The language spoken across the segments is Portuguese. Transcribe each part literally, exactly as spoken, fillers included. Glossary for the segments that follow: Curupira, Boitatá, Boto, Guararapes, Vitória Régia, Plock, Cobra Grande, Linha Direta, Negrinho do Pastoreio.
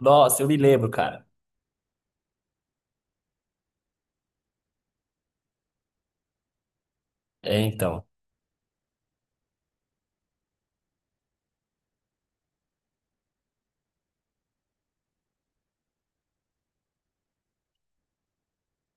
Nossa, eu me lembro, cara. É, então.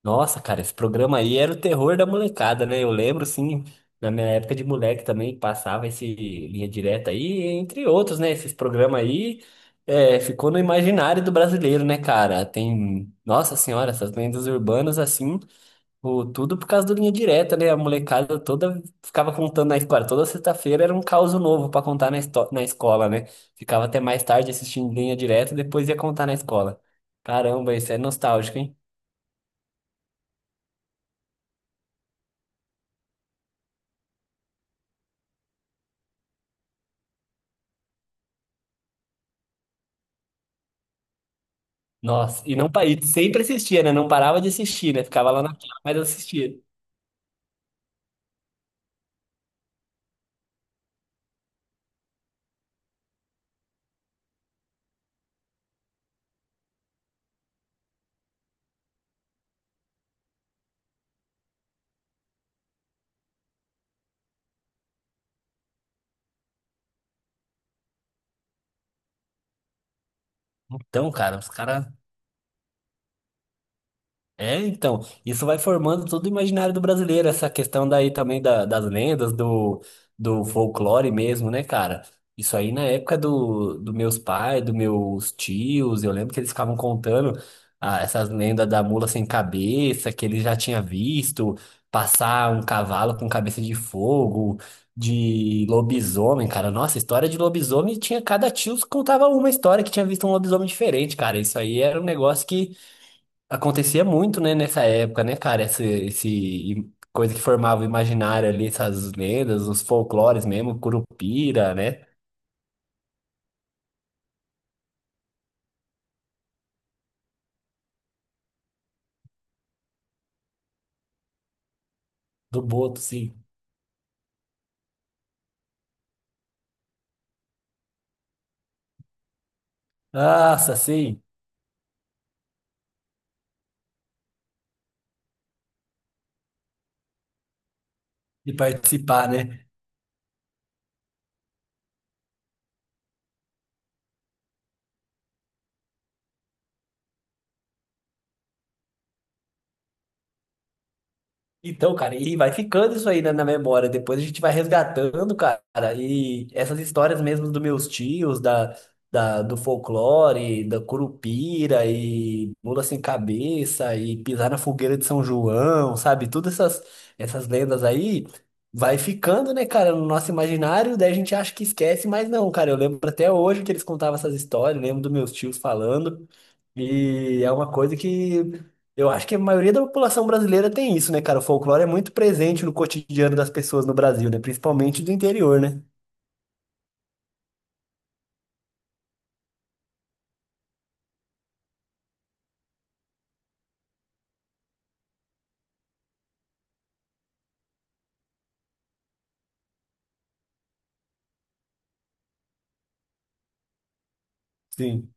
Nossa, cara, esse programa aí era o terror da molecada, né? Eu lembro, sim, na minha época de moleque também passava esse Linha Direta aí, entre outros, né? Esses programas aí é, ficou no imaginário do brasileiro, né, cara? Tem, nossa senhora, essas lendas urbanas, assim. Pô, tudo por causa do Linha Direta, né? A molecada toda ficava contando na escola. Toda sexta-feira era um caos novo pra contar na, esto- na escola, né? Ficava até mais tarde assistindo Linha Direta, depois ia contar na escola. Caramba, isso é nostálgico, hein? Nossa, e não pa- e sempre assistia, né? Não parava de assistir, né? Ficava lá na tela, mas assistia. Então, cara, os caras. É, então, isso vai formando todo o imaginário do brasileiro, essa questão daí também da- das lendas, do, do folclore mesmo, né, cara? Isso aí na época do, do meus pais, dos meus tios, eu lembro que eles ficavam contando ah, essas lendas da mula sem cabeça, que ele já tinha visto, passar um cavalo com cabeça de fogo, de lobisomem, cara. Nossa, história de lobisomem tinha cada tio que contava uma história que tinha visto um lobisomem diferente, cara. Isso aí era um negócio que acontecia muito, né, nessa época, né, cara? Essa esse im- coisa que formava o imaginário ali, essas lendas, os folclores mesmo, Curupira, né? Do Boto, sim. Nossa, sim. De participar, né? Então, cara, e vai ficando isso aí na, na memória. Depois a gente vai resgatando, cara. E essas histórias mesmo dos meus tios, da, da, do folclore, da curupira, e mula sem cabeça, e pisar na fogueira de São João, sabe? Todas essas, essas lendas aí vai ficando, né, cara, no nosso imaginário. Daí a gente acha que esquece, mas não, cara. Eu lembro até hoje que eles contavam essas histórias, lembro dos meus tios falando. E é uma coisa que. Eu acho que a maioria da população brasileira tem isso, né, cara? O folclore é muito presente no cotidiano das pessoas no Brasil, né? Principalmente do interior, né? Sim.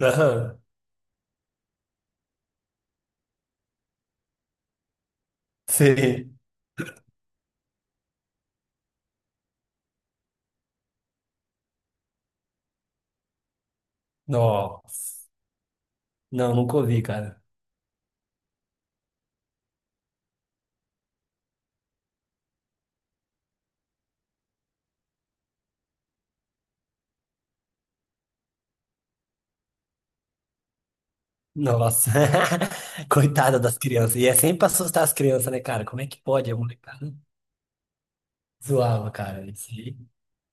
Aham. Sim. Nossa. Não, nunca ouvi, cara. Nossa. Coitada das crianças. E é sempre pra assustar as crianças, né, cara? Como é que pode? É molecada. Zoava, cara. Isso aí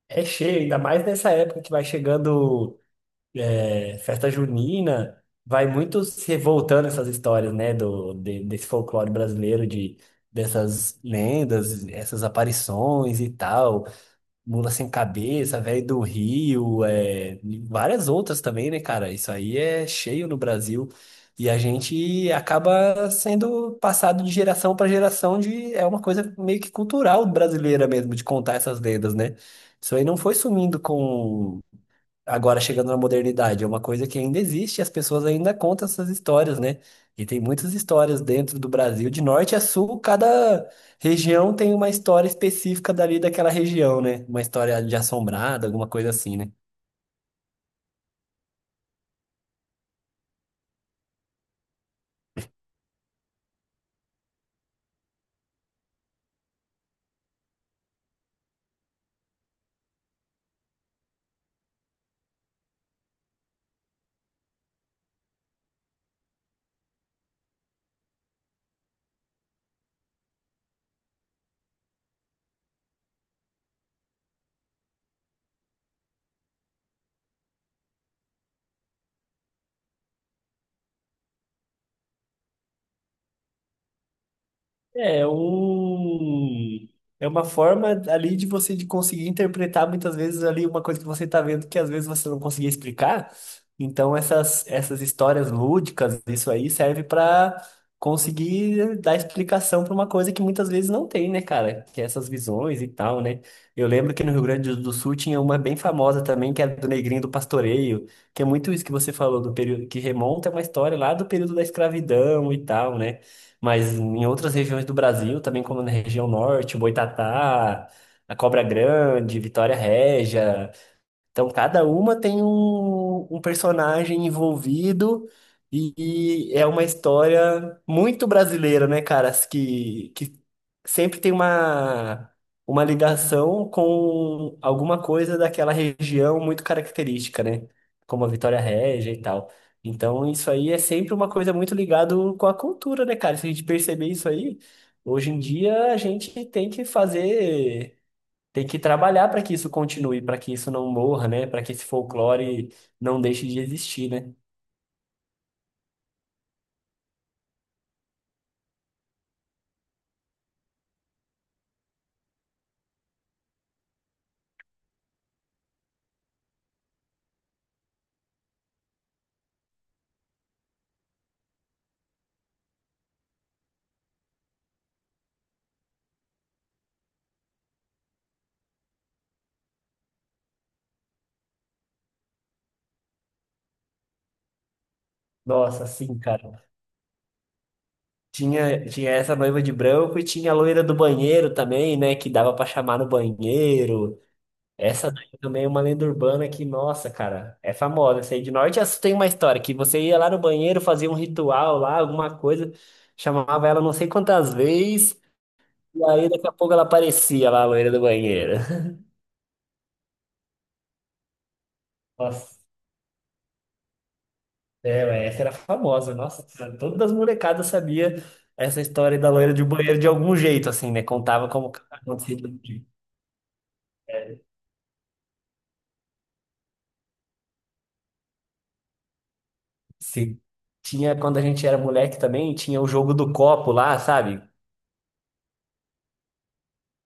é cheio, ainda mais nessa época que vai chegando. É, festa junina, vai muito se revoltando essas histórias, né, do, de- desse folclore brasileiro, de, dessas lendas, essas aparições e tal, mula sem cabeça, velho do Rio, é, e várias outras também, né, cara? Isso aí é cheio no Brasil. E a gente acaba sendo passado de geração para geração de, é uma coisa meio que cultural brasileira mesmo, de contar essas lendas, né? Isso aí não foi sumindo com agora chegando na modernidade, é uma coisa que ainda existe, e as pessoas ainda contam essas histórias, né? E tem muitas histórias dentro do Brasil, de norte a sul, cada região tem uma história específica dali daquela região, né? Uma história de assombrada, alguma coisa assim, né? É é um. É uma forma ali de você de conseguir interpretar muitas vezes ali uma coisa que você está vendo que às vezes você não conseguia explicar. Então essas, essas histórias lúdicas, isso aí serve para conseguir dar explicação para uma coisa que muitas vezes não tem, né, cara? Que é essas visões e tal, né? Eu lembro que no Rio Grande do Sul tinha uma bem famosa também, que era do Negrinho do Pastoreio, que é muito isso que você falou do período que remonta a uma história lá do período da escravidão e tal, né? Mas em outras regiões do Brasil, também como na região norte, Boitatá, a Cobra Grande, Vitória Régia. Então, cada uma tem um, um personagem envolvido e, e é uma história muito brasileira, né, cara? Que, que sempre tem uma, uma ligação com alguma coisa daquela região muito característica, né? Como a Vitória Régia e tal. Então, isso aí é sempre uma coisa muito ligada com a cultura, né, cara? Se a gente perceber isso aí, hoje em dia a gente tem que fazer tem que trabalhar para que isso continue, para que isso não morra, né? Para que esse folclore não deixe de existir, né? Nossa, sim, cara. Tinha, tinha essa noiva de branco e tinha a loira do banheiro também, né? Que dava para chamar no banheiro. Essa daí também é uma lenda urbana que, nossa, cara, é famosa. Essa aí de norte a sul tem uma história que você ia lá no banheiro, fazia um ritual lá, alguma coisa, chamava ela não sei quantas vezes, e aí daqui a pouco ela aparecia lá, a loira do banheiro. Nossa. É, ué, essa era famosa, nossa, todas as molecadas sabia essa história da loira de banheiro de algum jeito, assim, né? Contava como que acontecia. De algum jeito. Sim. Tinha, quando a gente era moleque também, tinha o jogo do copo lá, sabe?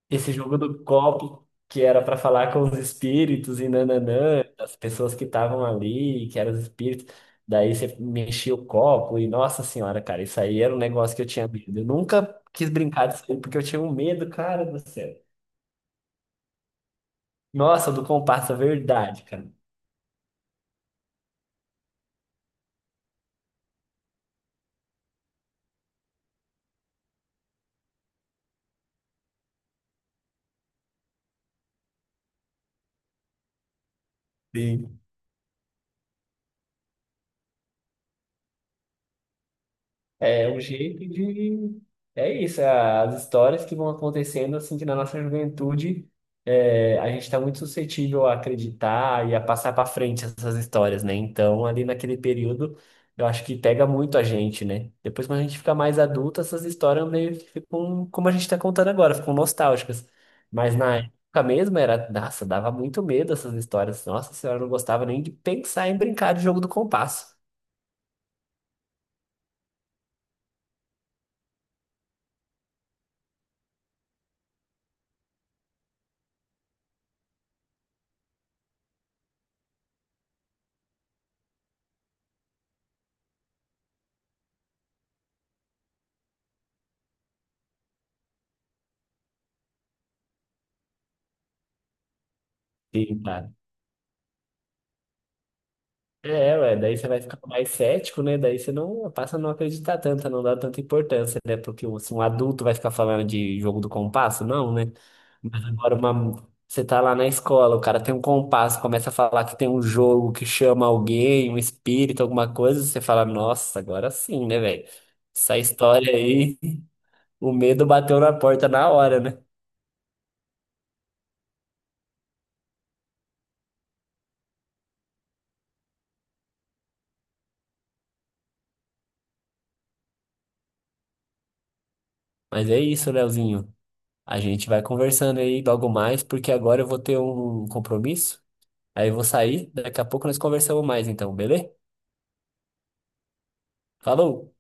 Esse jogo do copo que era pra falar com os espíritos e nananã, as pessoas que estavam ali, que eram os espíritos. Daí você mexia o copo e, nossa senhora, cara, isso aí era um negócio que eu tinha medo. Eu nunca quis brincar disso aí porque eu tinha um medo, cara do céu. Nossa, do comparsa, verdade, cara. Sim. É um jeito de. É isso, é as histórias que vão acontecendo, assim, que na nossa juventude é, a gente está muito suscetível a acreditar e a passar para frente essas histórias, né? Então, ali naquele período, eu acho que pega muito a gente, né? Depois, quando a gente fica mais adulto, essas histórias meio que ficam como a gente está contando agora, ficam nostálgicas. Mas na época mesmo era, nossa, dava muito medo essas histórias. Nossa senhora, eu não gostava nem de pensar em brincar de jogo do compasso. Sim, cara. É, ué, daí você vai ficar mais cético, né? Daí você não passa a não acreditar tanto, a não dar tanta importância, né? Porque se um adulto vai ficar falando de jogo do compasso, não, né? Mas agora uma... você tá lá na escola, o cara tem um compasso, começa a falar que tem um jogo que chama alguém, um espírito, alguma coisa, você fala, nossa, agora sim, né, velho? Essa história aí, o medo bateu na porta na hora, né? Mas é isso, Leozinho. A gente vai conversando aí logo mais, porque agora eu vou ter um compromisso. Aí eu vou sair, daqui a pouco nós conversamos mais então, beleza? Falou!